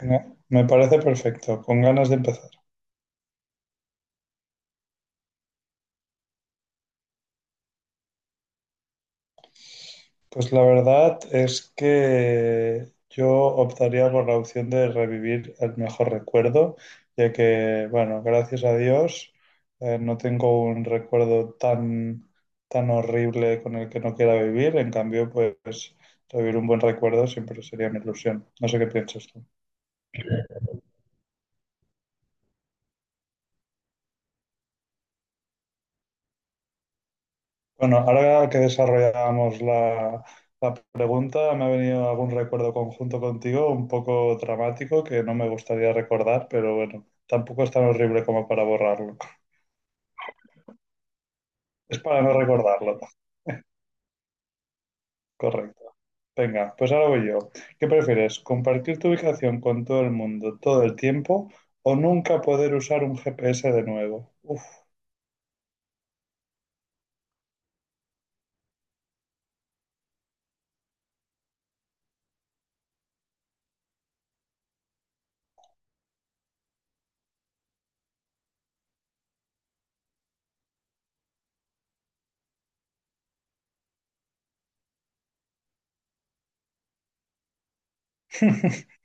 Venga, me parece perfecto, con ganas de empezar. Pues la verdad es que yo optaría por la opción de revivir el mejor recuerdo, ya que, bueno, gracias a Dios, no tengo un recuerdo tan, tan horrible con el que no quiera vivir. En cambio, pues revivir un buen recuerdo siempre sería mi ilusión. No sé qué piensas tú. Bueno, ahora que desarrollábamos la pregunta, me ha venido algún recuerdo conjunto contigo, un poco dramático, que no me gustaría recordar, pero bueno, tampoco es tan horrible como para borrarlo. Es para no recordarlo, correcto. Venga, pues ahora voy yo. ¿Qué prefieres? ¿Compartir tu ubicación con todo el mundo todo el tiempo o nunca poder usar un GPS de nuevo? Uf.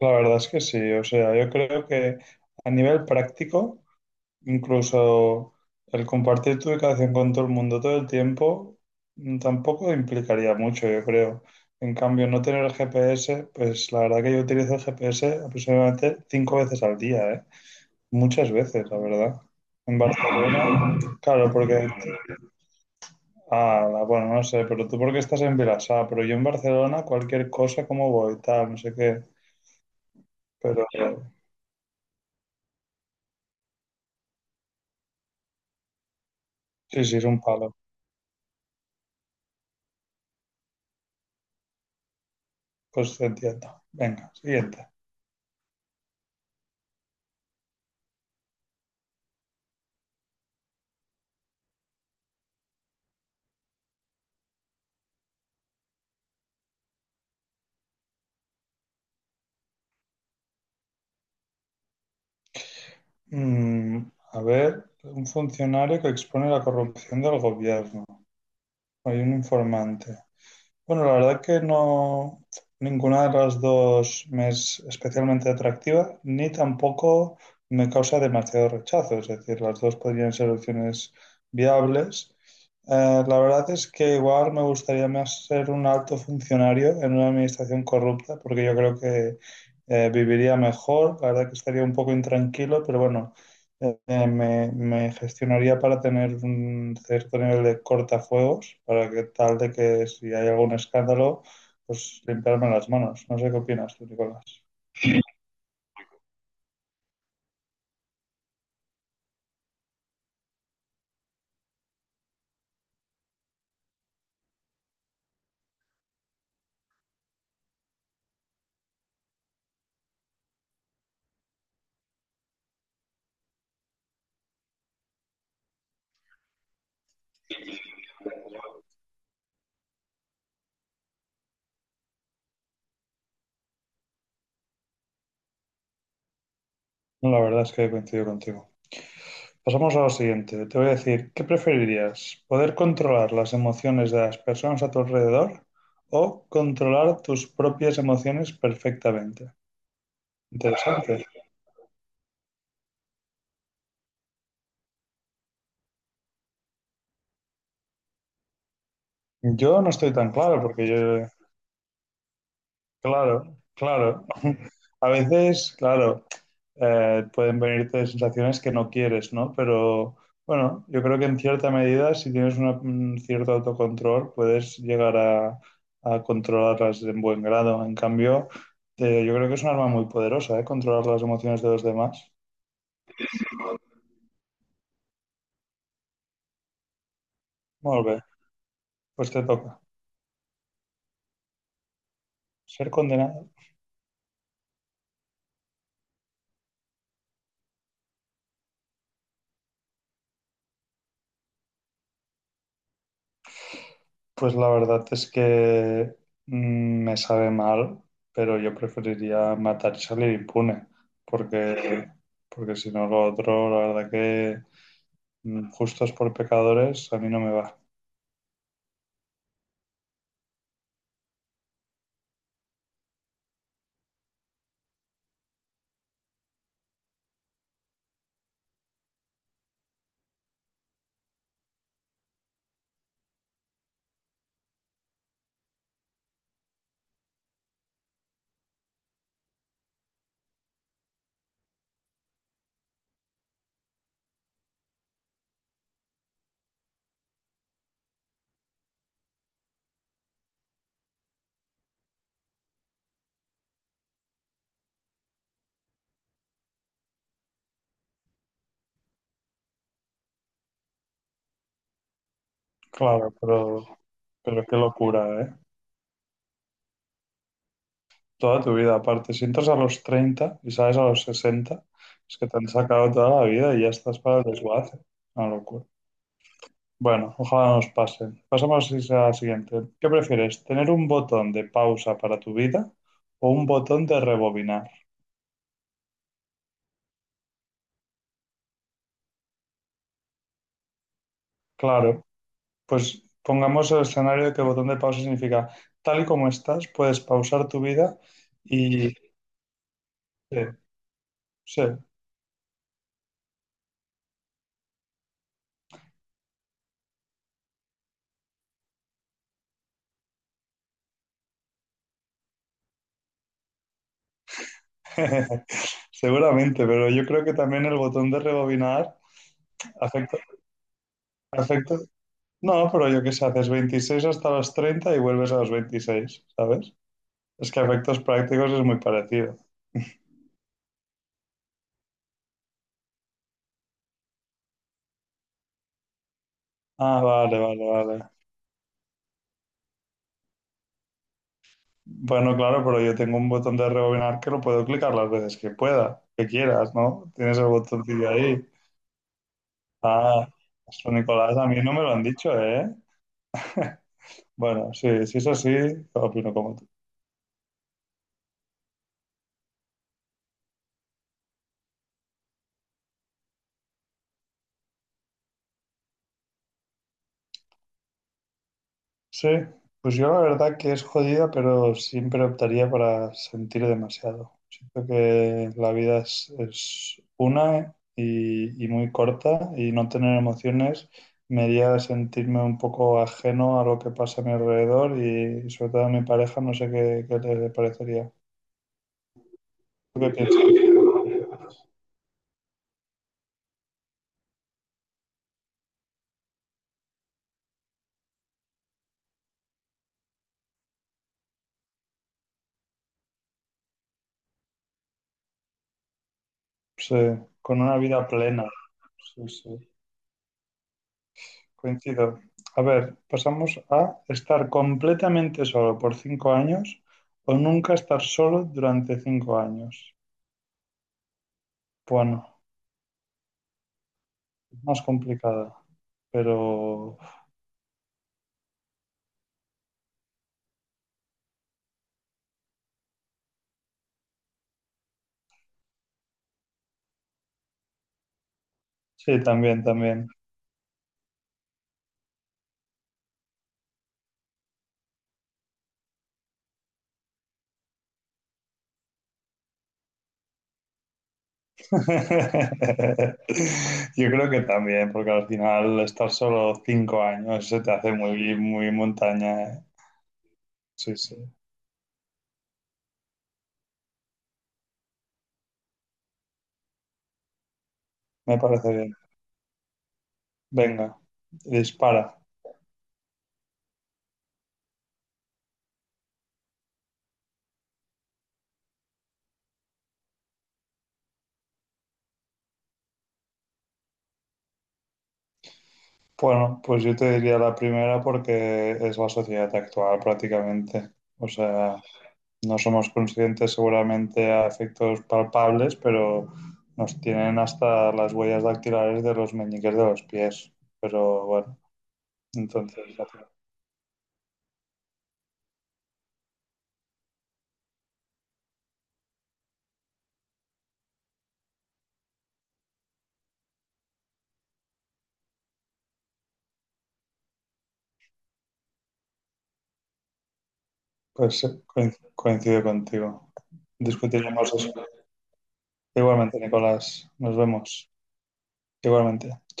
La verdad es que sí, o sea, yo creo que a nivel práctico, incluso el compartir tu ubicación con todo el mundo todo el tiempo, tampoco implicaría mucho, yo creo. En cambio, no tener el GPS, pues la verdad que yo utilizo el GPS aproximadamente 5 veces al día, ¿eh? Muchas veces, la verdad. En Barcelona, claro, porque... Ah, bueno, no sé, pero tú porque estás en Vilassar, pero yo en Barcelona cualquier cosa, como voy, tal, no sé qué. Pero sí, sí, es un palo. Pues te entiendo. Venga, siguiente. Mm, a ver, un funcionario que expone la corrupción del gobierno. Hay un informante. Bueno, la verdad que no, ninguna de las dos me es especialmente atractiva, ni tampoco me causa demasiado rechazo. Es decir, las dos podrían ser opciones viables. La verdad es que igual me gustaría más ser un alto funcionario en una administración corrupta, porque yo creo que viviría mejor. La verdad que estaría un poco intranquilo, pero bueno. Me gestionaría para tener un cierto nivel de cortafuegos, para que tal de que si hay algún escándalo, pues limpiarme las manos. No sé qué opinas tú, Nicolás. No, la verdad es que coincido contigo. Pasamos a lo siguiente. Te voy a decir, ¿qué preferirías? ¿Poder controlar las emociones de las personas a tu alrededor o controlar tus propias emociones perfectamente? Interesante. Yo no estoy tan claro porque yo... Claro, claro. A veces, claro, pueden venirte sensaciones que no quieres, ¿no? Pero bueno, yo creo que en cierta medida, si tienes un cierto autocontrol, puedes llegar a controlarlas en buen grado. En cambio, yo creo que es un arma muy poderosa, ¿eh? Controlar las emociones de los demás. Muy bien, pues te toca. Ser condenado. Pues la verdad es que me sabe mal, pero yo preferiría matar y salir impune, porque, porque si no lo otro, la verdad que justos por pecadores a mí no me va. Claro, pero qué locura, ¿eh? Toda tu vida, aparte, si entras a los 30 y sales a los 60, es que te han sacado toda la vida y ya estás para el desguace. Una locura. Bueno, ojalá no nos pase. Pasamos a la siguiente. ¿Qué prefieres? ¿Tener un botón de pausa para tu vida o un botón de rebobinar? Claro, pues pongamos el escenario de que el botón de pausa significa tal y como estás, puedes pausar tu vida y... Sí, sí. Seguramente, pero yo creo que también el botón de rebobinar afecta... afecta... No, pero yo qué sé, haces 26 hasta los 30 y vuelves a los 26, ¿sabes? Es que a efectos prácticos es muy parecido. Ah, vale, vale, vale. Bueno, claro, pero yo tengo un botón de rebobinar que lo puedo clicar las veces que pueda, que quieras, ¿no? Tienes el botoncillo ahí. Ah, eso, Nicolás, a mí no me lo han dicho, ¿eh? Bueno, sí, si es así, opino como tú. Sí, pues yo la verdad que es jodida, pero siempre optaría para sentir demasiado. Siento que la vida es una y muy corta y no tener emociones me haría sentirme un poco ajeno a lo que pasa a mi alrededor y sobre todo a mi pareja, no sé qué, qué le parecería. ¿Tú qué piensas? Sí, con una vida plena. Sí, sí. Coincido. A ver, pasamos a estar completamente solo por 5 años o nunca estar solo durante 5 años. Bueno, es más complicada, pero sí, también, también. Yo creo que también, porque al final estar solo 5 años se te hace muy, muy montaña, ¿eh? Sí, sí, me parece bien. Venga, dispara. Bueno, pues yo te diría la primera porque es la sociedad actual prácticamente. O sea, no somos conscientes seguramente a efectos palpables, pero nos tienen hasta las huellas dactilares de los meñiques de los pies. Pero bueno, entonces, pues sí, coincido contigo. Discutiremos eso. Igualmente, Nicolás, nos vemos. Igualmente.